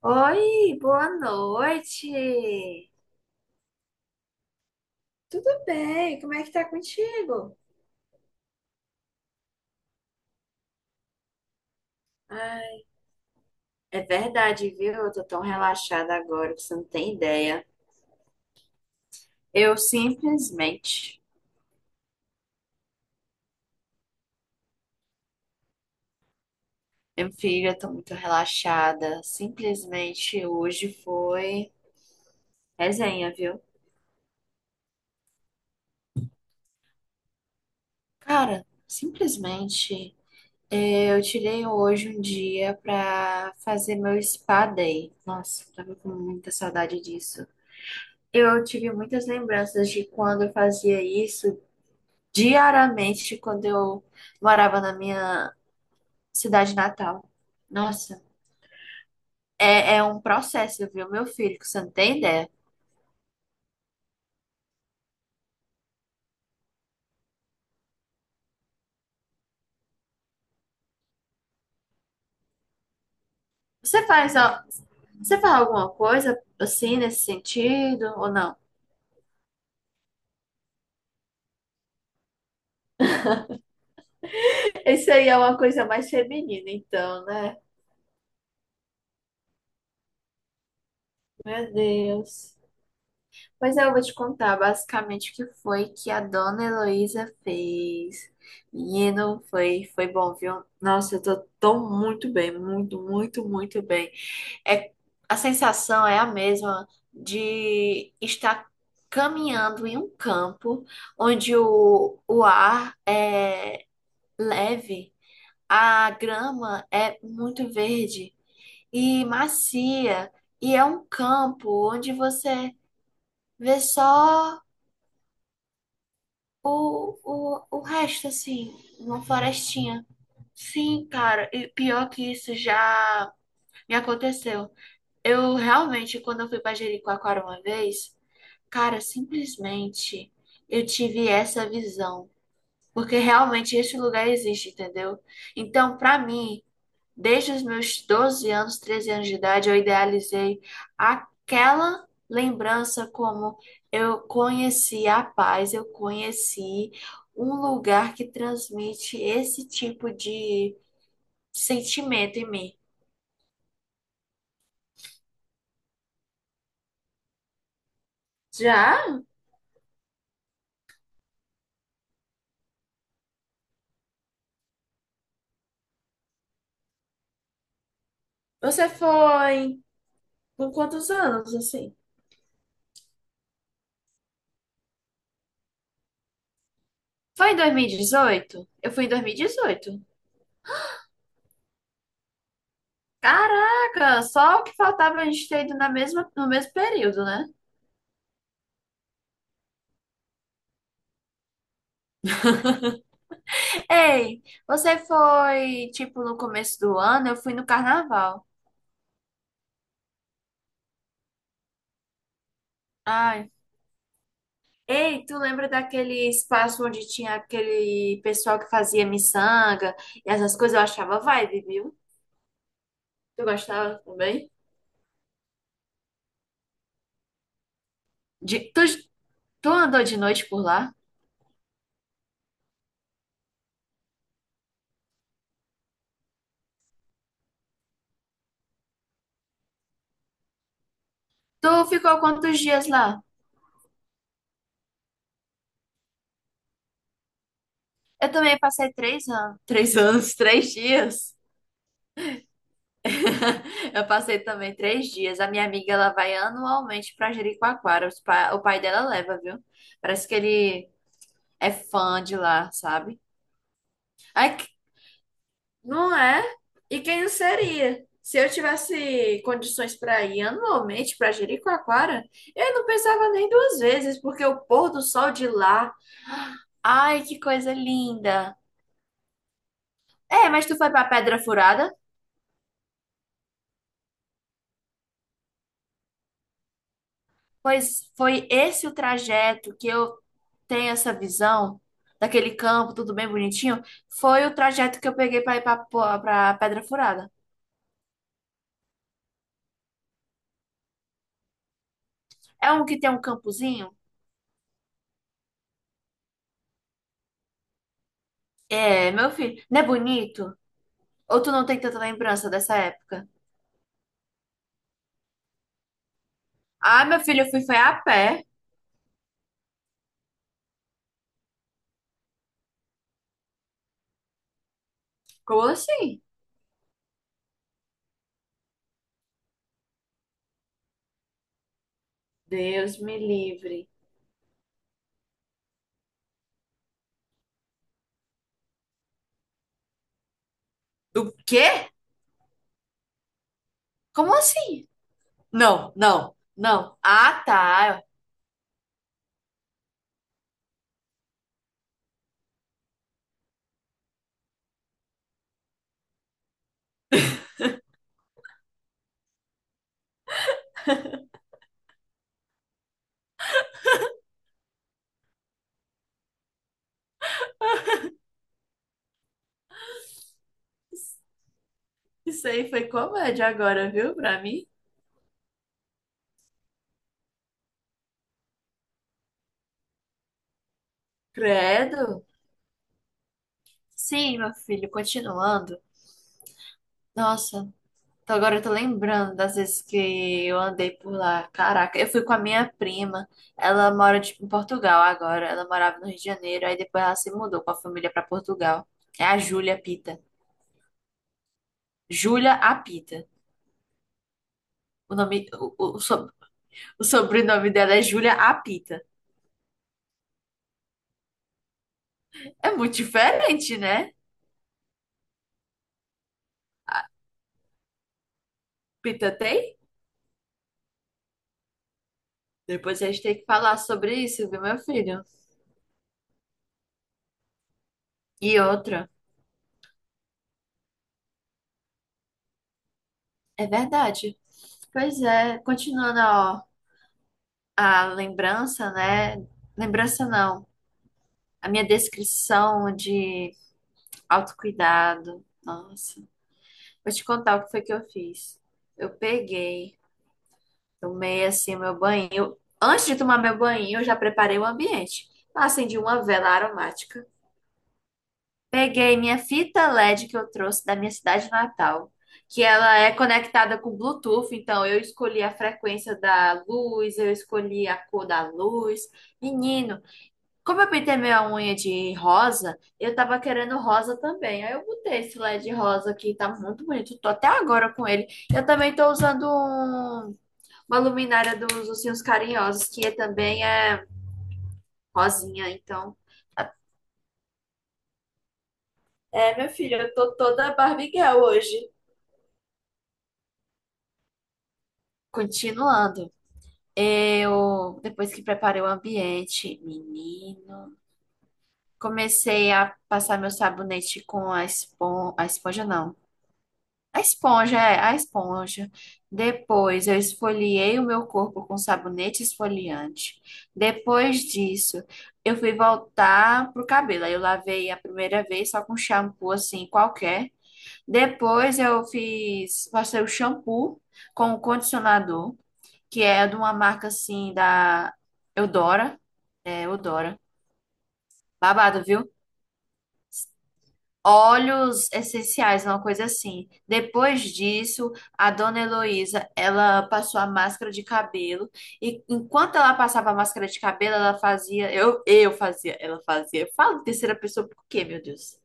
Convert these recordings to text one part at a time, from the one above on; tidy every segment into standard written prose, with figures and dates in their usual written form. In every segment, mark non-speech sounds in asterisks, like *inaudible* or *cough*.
Oi, boa noite. Tudo bem, como é que tá contigo? Ai, é verdade, viu? Eu tô tão relaxada agora que você não tem ideia. Eu simplesmente, meu filho, eu tô muito relaxada. Simplesmente hoje foi resenha, viu? Cara, simplesmente eu tirei hoje um dia pra fazer meu spa day. Nossa, tava com muita saudade disso. Eu tive muitas lembranças de quando eu fazia isso diariamente quando eu morava na minha cidade natal. Nossa, é, é um processo, viu, meu filho, que você não tem ideia. Você faz, ó, você faz alguma coisa assim nesse sentido ou não? Isso aí é uma coisa mais feminina, então, né? Meu Deus. Pois é, eu vou te contar basicamente o que foi que a dona Heloísa fez. Menino, foi bom, viu? Nossa, eu tô tão muito bem, muito, muito, muito bem. É, a sensação é a mesma de estar caminhando em um campo onde o ar é leve, a grama é muito verde e macia, e é um campo onde você vê só. O resto, assim, uma florestinha. Sim, cara, e pior que isso já me aconteceu. Eu realmente, quando eu fui pra Jericoacoara uma vez, cara, simplesmente eu tive essa visão. Porque realmente esse lugar existe, entendeu? Então, pra mim, desde os meus 12 anos, 13 anos de idade, eu idealizei aquela lembrança como eu conheci a paz, eu conheci um lugar que transmite esse tipo de sentimento em mim. Já? Você foi com quantos anos, assim? Foi em 2018. Eu fui em dois mil e dezoito. Caraca, só o que faltava a gente ter ido na mesma, no mesmo período, né? Ei, você foi, tipo, no começo do ano? Eu fui no carnaval. Ai. Ei, tu lembra daquele espaço onde tinha aquele pessoal que fazia miçanga e essas coisas? Eu achava vibe, viu? Tu gostava também? De- tu, tu andou de noite por lá? Tu ficou quantos dias lá? Eu também passei três anos. Três anos, *laughs* três dias. *laughs* Eu passei também três dias. A minha amiga, ela vai anualmente pra Jericoacoara. O pai dela leva, viu? Parece que ele é fã de lá, sabe? Aí, que- não é? E quem não seria? Se eu tivesse condições para ir anualmente para Jericoacoara, eu não pensava nem duas vezes, porque o pôr do sol de lá, ai, que coisa linda. É, mas tu foi para Pedra Furada? Pois foi esse o trajeto que eu tenho essa visão daquele campo, tudo bem bonitinho, foi o trajeto que eu peguei para ir para Pedra Furada. É um que tem um campozinho? É, meu filho, não é bonito? Ou tu não tem tanta lembrança dessa época? Ah, meu filho, eu fui foi a pé. Como assim? Deus me livre. O quê? Como assim? Não, não, não. Ah, tá. Isso aí foi comédia agora, viu, pra mim? Credo. Sim, meu filho, continuando. Nossa, então agora eu tô lembrando das vezes que eu andei por lá. Caraca, eu fui com a minha prima. Ela mora, tipo, em Portugal agora. Ela morava no Rio de Janeiro, aí depois ela se mudou com a família pra Portugal. É a Júlia Pita. Júlia Apita. O nome, o, so- O sobrenome dela é Júlia Apita. É muito diferente, né? Pita tem? Depois a gente tem que falar sobre isso, viu, meu filho? E outra. É verdade. Pois é, continuando, ó, a lembrança, né? Lembrança não. A minha descrição de autocuidado. Nossa, vou te contar o que foi que eu fiz. Eu peguei, tomei assim meu banho. Antes de tomar meu banho, eu já preparei o ambiente. Eu acendi uma vela aromática. Peguei minha fita LED que eu trouxe da minha cidade natal, que ela é conectada com Bluetooth, então eu escolhi a frequência da luz, eu escolhi a cor da luz. Menino, como eu pintei minha unha de rosa, eu tava querendo rosa também. Aí eu botei esse LED rosa aqui, tá muito bonito. Tô até agora com ele. Eu também tô uma luminária dos Ursinhos Carinhosos, também é rosinha, então. É, meu filho, eu tô toda Barbie Girl hoje. Continuando. Eu, depois que preparei o ambiente, menino, comecei a passar meu sabonete com a esponja não. A esponja, é, a esponja. Depois eu esfoliei o meu corpo com sabonete esfoliante. Depois disso, eu fui voltar pro cabelo. Aí eu lavei a primeira vez só com shampoo assim, qualquer. Depois eu fiz, passei o shampoo com o condicionador, que é de uma marca assim da Eudora, é Eudora. Babado, viu? Óleos essenciais, uma coisa assim. Depois disso, a dona Heloísa, ela passou a máscara de cabelo e enquanto ela passava a máscara de cabelo, ela fazia, eu fazia, ela fazia. Eu falo em terceira pessoa por quê, meu Deus?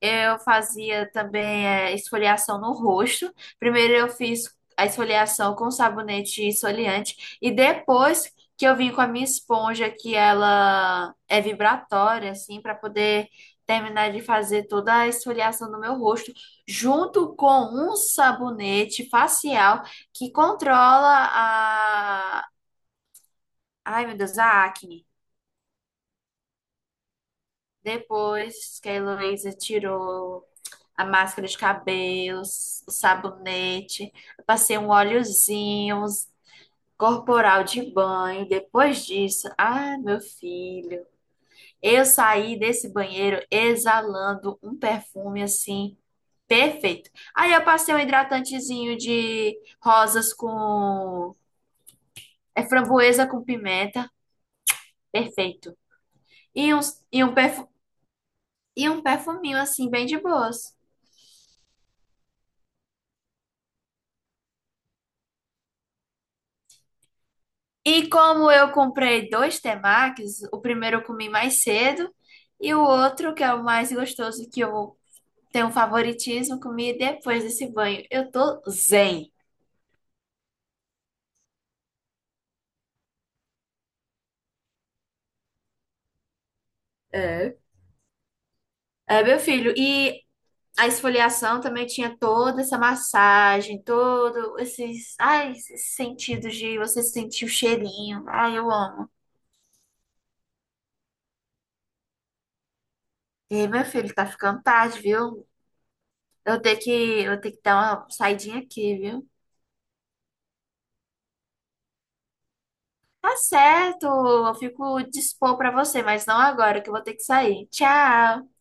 Eu fazia também esfoliação no rosto. Primeiro eu fiz a esfoliação com sabonete esfoliante e depois que eu vim com a minha esponja que ela é vibratória assim para poder terminar de fazer toda a esfoliação do meu rosto junto com um sabonete facial que controla a, ai meu Deus, a acne. Depois que a Heloísa tirou a máscara de cabelos, o sabonete, eu passei um óleozinho, uns corporal de banho. Depois disso, ah, meu filho, eu saí desse banheiro exalando um perfume assim perfeito. Aí eu passei um hidratantezinho de rosas com framboesa com pimenta, perfeito. E uns e um perfu- e um perfuminho assim bem de boas. E como eu comprei dois temakis, o primeiro eu comi mais cedo e o outro, que é o mais gostoso, que eu tenho um favoritismo, comi depois desse banho. Eu tô zen. É. É, meu filho, e a esfoliação também tinha toda essa massagem, todo esses, ai, esses sentidos de você sentir o cheirinho. Ai, eu amo. E meu filho, tá ficando tarde, viu? Eu tenho que dar uma saidinha aqui, viu? Tá certo, eu fico dispor pra você, mas não agora, que eu vou ter que sair. Tchau!